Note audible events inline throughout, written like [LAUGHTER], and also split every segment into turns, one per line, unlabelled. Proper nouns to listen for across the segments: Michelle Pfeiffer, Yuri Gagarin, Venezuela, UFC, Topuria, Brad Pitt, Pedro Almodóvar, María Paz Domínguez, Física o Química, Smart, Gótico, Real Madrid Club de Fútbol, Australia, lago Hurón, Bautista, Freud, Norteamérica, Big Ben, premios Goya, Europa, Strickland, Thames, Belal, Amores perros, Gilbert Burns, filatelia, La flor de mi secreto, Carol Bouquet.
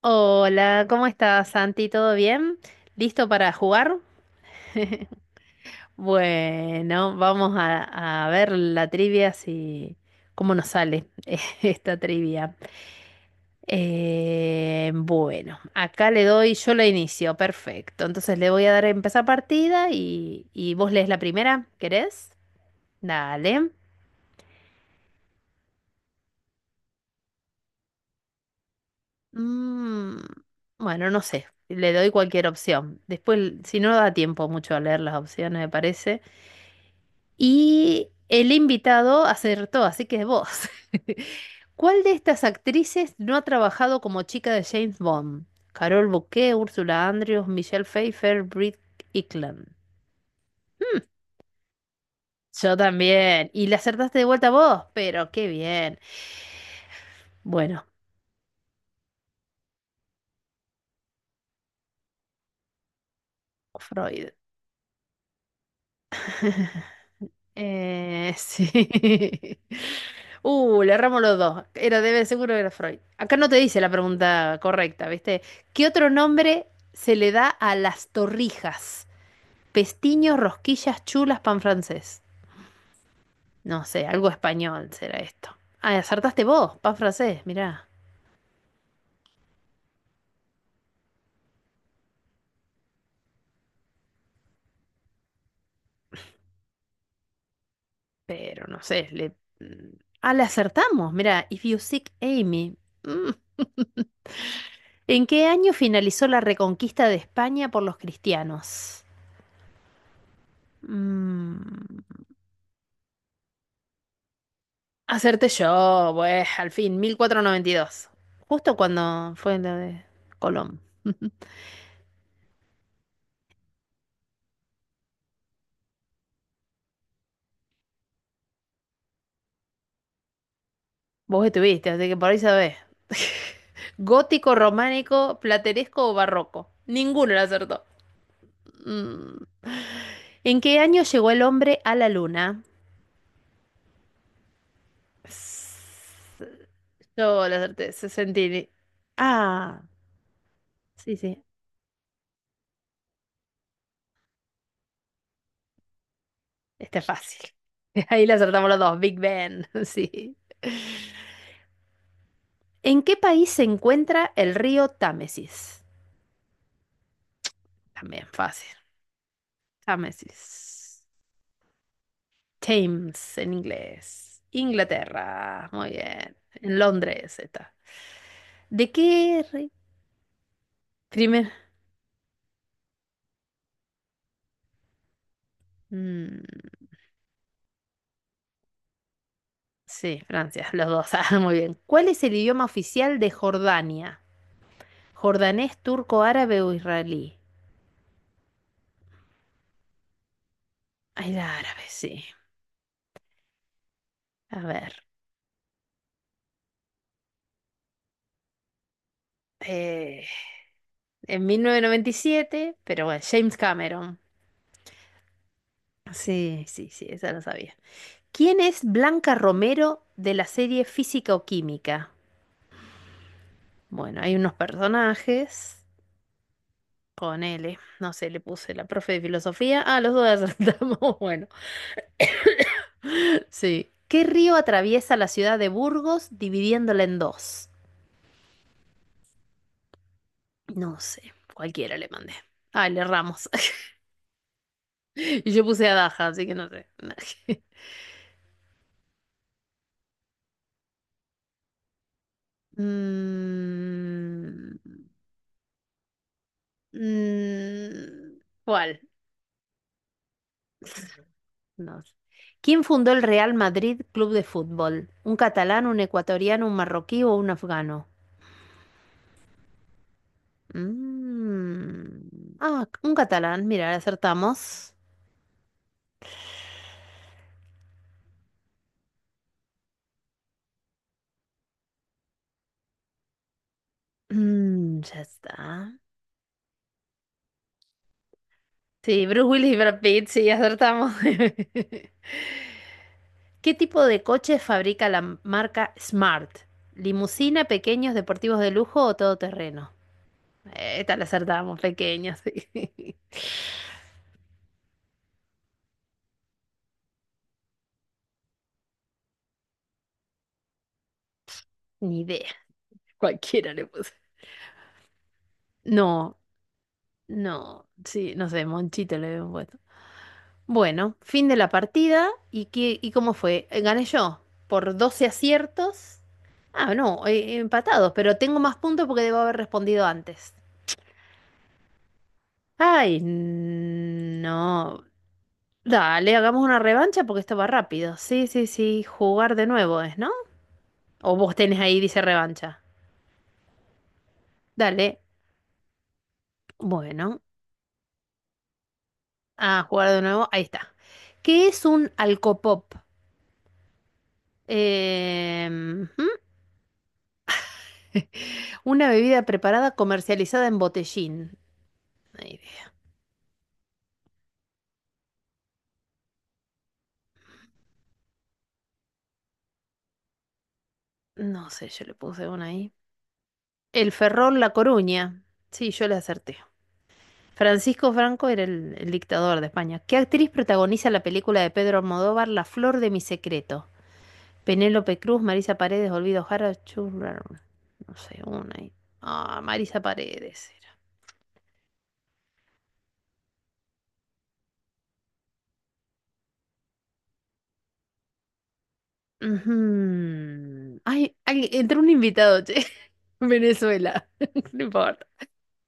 Hola, ¿cómo estás, Santi? ¿Todo bien? ¿Listo para jugar? Bueno, vamos a ver la trivia si cómo nos sale [LAUGHS] esta trivia. Bueno, acá le doy, yo la inicio, perfecto. Entonces le voy a dar a empezar partida y vos lees la primera, ¿querés? Dale. Mm, bueno, no sé, le doy cualquier opción. Después, si no da tiempo mucho a leer las opciones, me parece. Y el invitado acertó, así que vos. [LAUGHS] ¿Cuál de estas actrices no ha trabajado como chica de James Bond? Carol Bouquet, Ursula Andrews, Michelle Pfeiffer, Britt Eklund. Mm, yo también. Y le acertaste de vuelta vos, pero qué bien. Bueno, Freud. [LAUGHS] Sí. Le erramos los dos. Era, debe, seguro que era Freud. Acá no te dice la pregunta correcta, ¿viste? ¿Qué otro nombre se le da a las torrijas? Pestiños, rosquillas, chulas, pan francés. No sé, algo español será esto. Ah, acertaste vos, pan francés, mirá. Pero no sé, mm, ah, le acertamos, mirá. If you seek Amy. Mm. [LAUGHS] ¿En qué año finalizó la reconquista de España por los cristianos? Mm, Acerté yo, pues, al fin, 1492. Justo cuando fue la de Colón. [LAUGHS] Vos estuviste, así que por ahí sabés. [LAUGHS] Gótico, románico, plateresco o barroco. Ninguno lo acertó. Mm. ¿En qué año llegó el hombre a la luna? S- Yo la acerté, 60. Ah, sí, sí, está fácil. [LAUGHS] Ahí la acertamos los dos, Big Ben, [LAUGHS] sí. ¿En qué país se encuentra el río Támesis? También fácil. Támesis. Thames en inglés. Inglaterra, muy bien. En Londres está. ¿De qué re- primer? Mm, sí, Francia, los dos. [LAUGHS] Ah, muy bien. ¿Cuál es el idioma oficial de Jordania? ¿Jordanés, turco, árabe o israelí? Ay, la árabe, sí. A ver. eh, en 1997, pero bueno, James Cameron. Sí, sí, sí, esa lo sabía. ¿Quién es Blanca Romero de la serie Física o Química? Bueno, hay unos personajes. Ponele, no sé, le puse la profe de filosofía. Ah, los dos acertamos. [LAUGHS] Bueno, sí. ¿Qué río atraviesa la ciudad de Burgos dividiéndola en dos? No sé, cualquiera le mandé. Ah, le erramos. [LAUGHS] Y yo puse a Daja, así que no sé. [LAUGHS] Mm, ¿Cuál? [LAUGHS] No sé. ¿Quién fundó el Real Madrid Club de Fútbol? ¿Un catalán, un ecuatoriano, un marroquí o un afgano? Mm. Ah, un catalán, mira, acertamos. Ya está. Sí, Bruce Willis y Brad Pitt, sí, acertamos. [LAUGHS] ¿Qué tipo de coche fabrica la marca Smart? ¿Limusina, pequeños, deportivos de lujo o todoterreno? Esta la acertamos, pequeños, sí. [LAUGHS] Ni idea. Cualquiera le puse. No, no, sí, no sé, Monchito le veo. Bueno, fin de la partida. ¿Y qué, y cómo fue? Gané yo por 12 aciertos. Ah, no, empatados, pero tengo más puntos porque debo haber respondido antes. Ay, no. Dale, hagamos una revancha porque esto va rápido. Sí, sí, sí, jugar de nuevo es, ¿no? O vos tenés ahí, dice revancha. Dale. Bueno, a jugar de nuevo. Ahí está. ¿Qué es un alcopop? Eh, ujú. [LAUGHS] Una bebida preparada comercializada en botellín. Una idea. No sé, yo le puse una ahí. El Ferrol La Coruña. Sí, yo le acerté. Francisco Franco era el dictador de España. ¿Qué actriz protagoniza la película de Pedro Almodóvar, La flor de mi secreto? Penélope Cruz, Marisa Paredes, Olvido Jara, Churrar. No sé, una ahí. Ah, Marisa Paredes era. Ujú. Ay, ay, entró un invitado, che. [LAUGHS] Venezuela. [LAUGHS] No importa.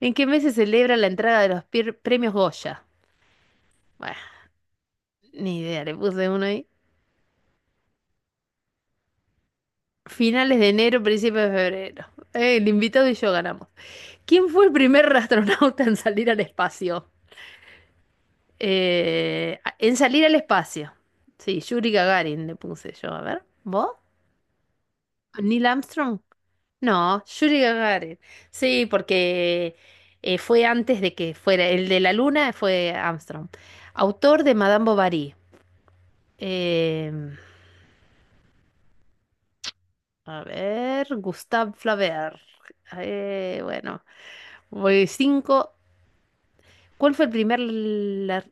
¿En qué mes se celebra la entrega de los premios Goya? Bueno, ni idea, le puse uno ahí. Finales de enero, principios de febrero. El invitado y yo ganamos. ¿Quién fue el primer astronauta en salir al espacio? En salir al espacio. Sí, Yuri Gagarin le puse yo. A ver, ¿vos? ¿Neil Armstrong? No, Yuri Gagarin. Sí, porque fue antes de que fuera. El de la luna fue Armstrong. Autor de Madame Bovary. Eh, A ver, Gustave Flaubert. Bueno, voy cinco. ¿Cuál fue el primer... la-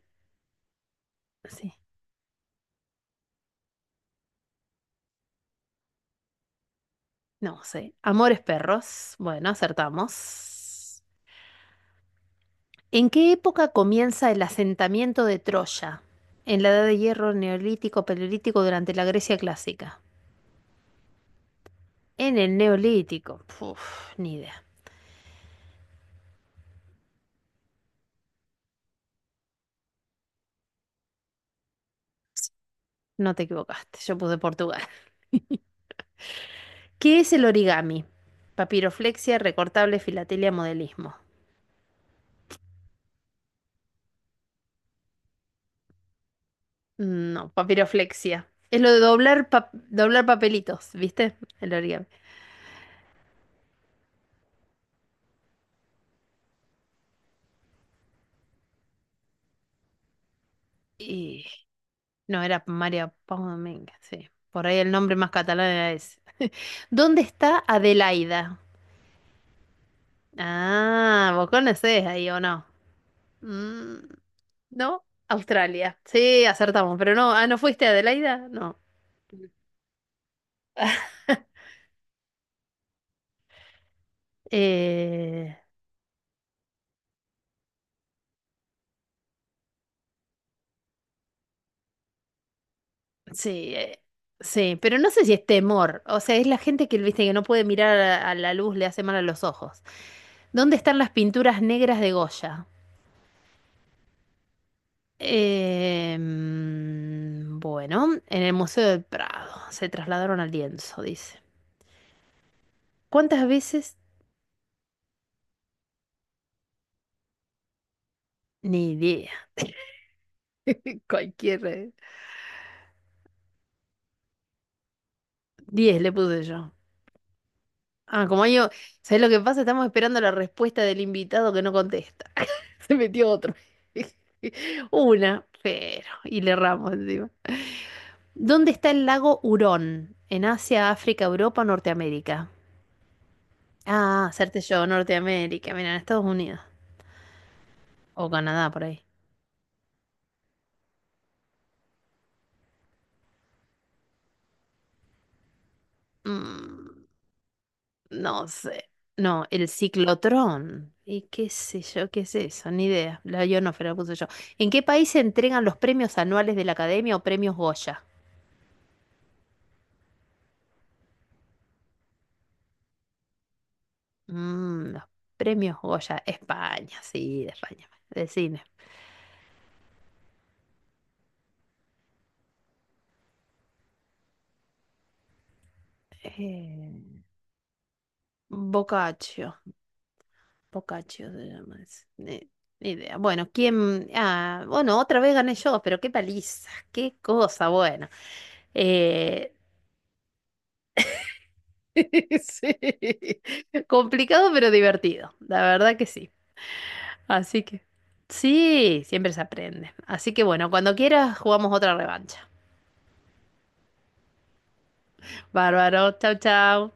Sí, no sé. Amores perros. Bueno, acertamos. ¿En qué época comienza el asentamiento de Troya? ¿En la Edad de Hierro, Neolítico, Paleolítico, durante la Grecia clásica? En el Neolítico. Puf, ni idea. No te equivocaste, yo puse Portugal. ¿Qué es el origami? Papiroflexia, recortable, filatelia, modelismo. No, papiroflexia. Es lo de doblar, doblar papelitos, ¿viste? El origami. Y no, era María Paz Domínguez, sí. Por ahí el nombre más catalán era ese. ¿Dónde está Adelaida? Ah, vos conocés ahí o no. Mm, no, Australia. Sí, acertamos, pero no, ah, ¿no fuiste a Adelaida? No. [LAUGHS] Eh, Sí, sí, pero no sé si es temor. O sea, es la gente que, viste, que no puede mirar a la luz, le hace mal a los ojos. ¿Dónde están las pinturas negras de Goya? Bueno, en el Museo del Prado. Se trasladaron al lienzo, dice. ¿Cuántas veces? Ni idea. [LAUGHS] Cualquier. 10 le puse yo. Ah, como yo, ¿sabes lo que pasa? Estamos esperando la respuesta del invitado que no contesta. [LAUGHS] Se metió otro. [LAUGHS] Una, pero. Y le erramos encima. ¿Dónde está el lago Hurón? ¿En Asia, África, Europa, Norteamérica? Ah, hacerte yo, Norteamérica. Mira, en Estados Unidos. O Canadá, por ahí. Mm, no sé. No, el ciclotrón. ¿Y qué sé yo? ¿Qué es eso? Ni idea. La ionósfera la puse yo. ¿En qué país se entregan los premios anuales de la Academia o premios Goya? Los premios Goya, España, sí, de España, de cine. Eh, Boccaccio, Boccaccio se llama ese. Ni idea. Bueno, ¿quién? Ah, bueno, otra vez gané yo, pero qué paliza, qué cosa bueno, Eh, [LAUGHS] sí, complicado pero divertido, la verdad que sí. Así que, sí, siempre se aprende. Así que bueno, cuando quieras jugamos otra revancha. Bárbaro, chau, chau.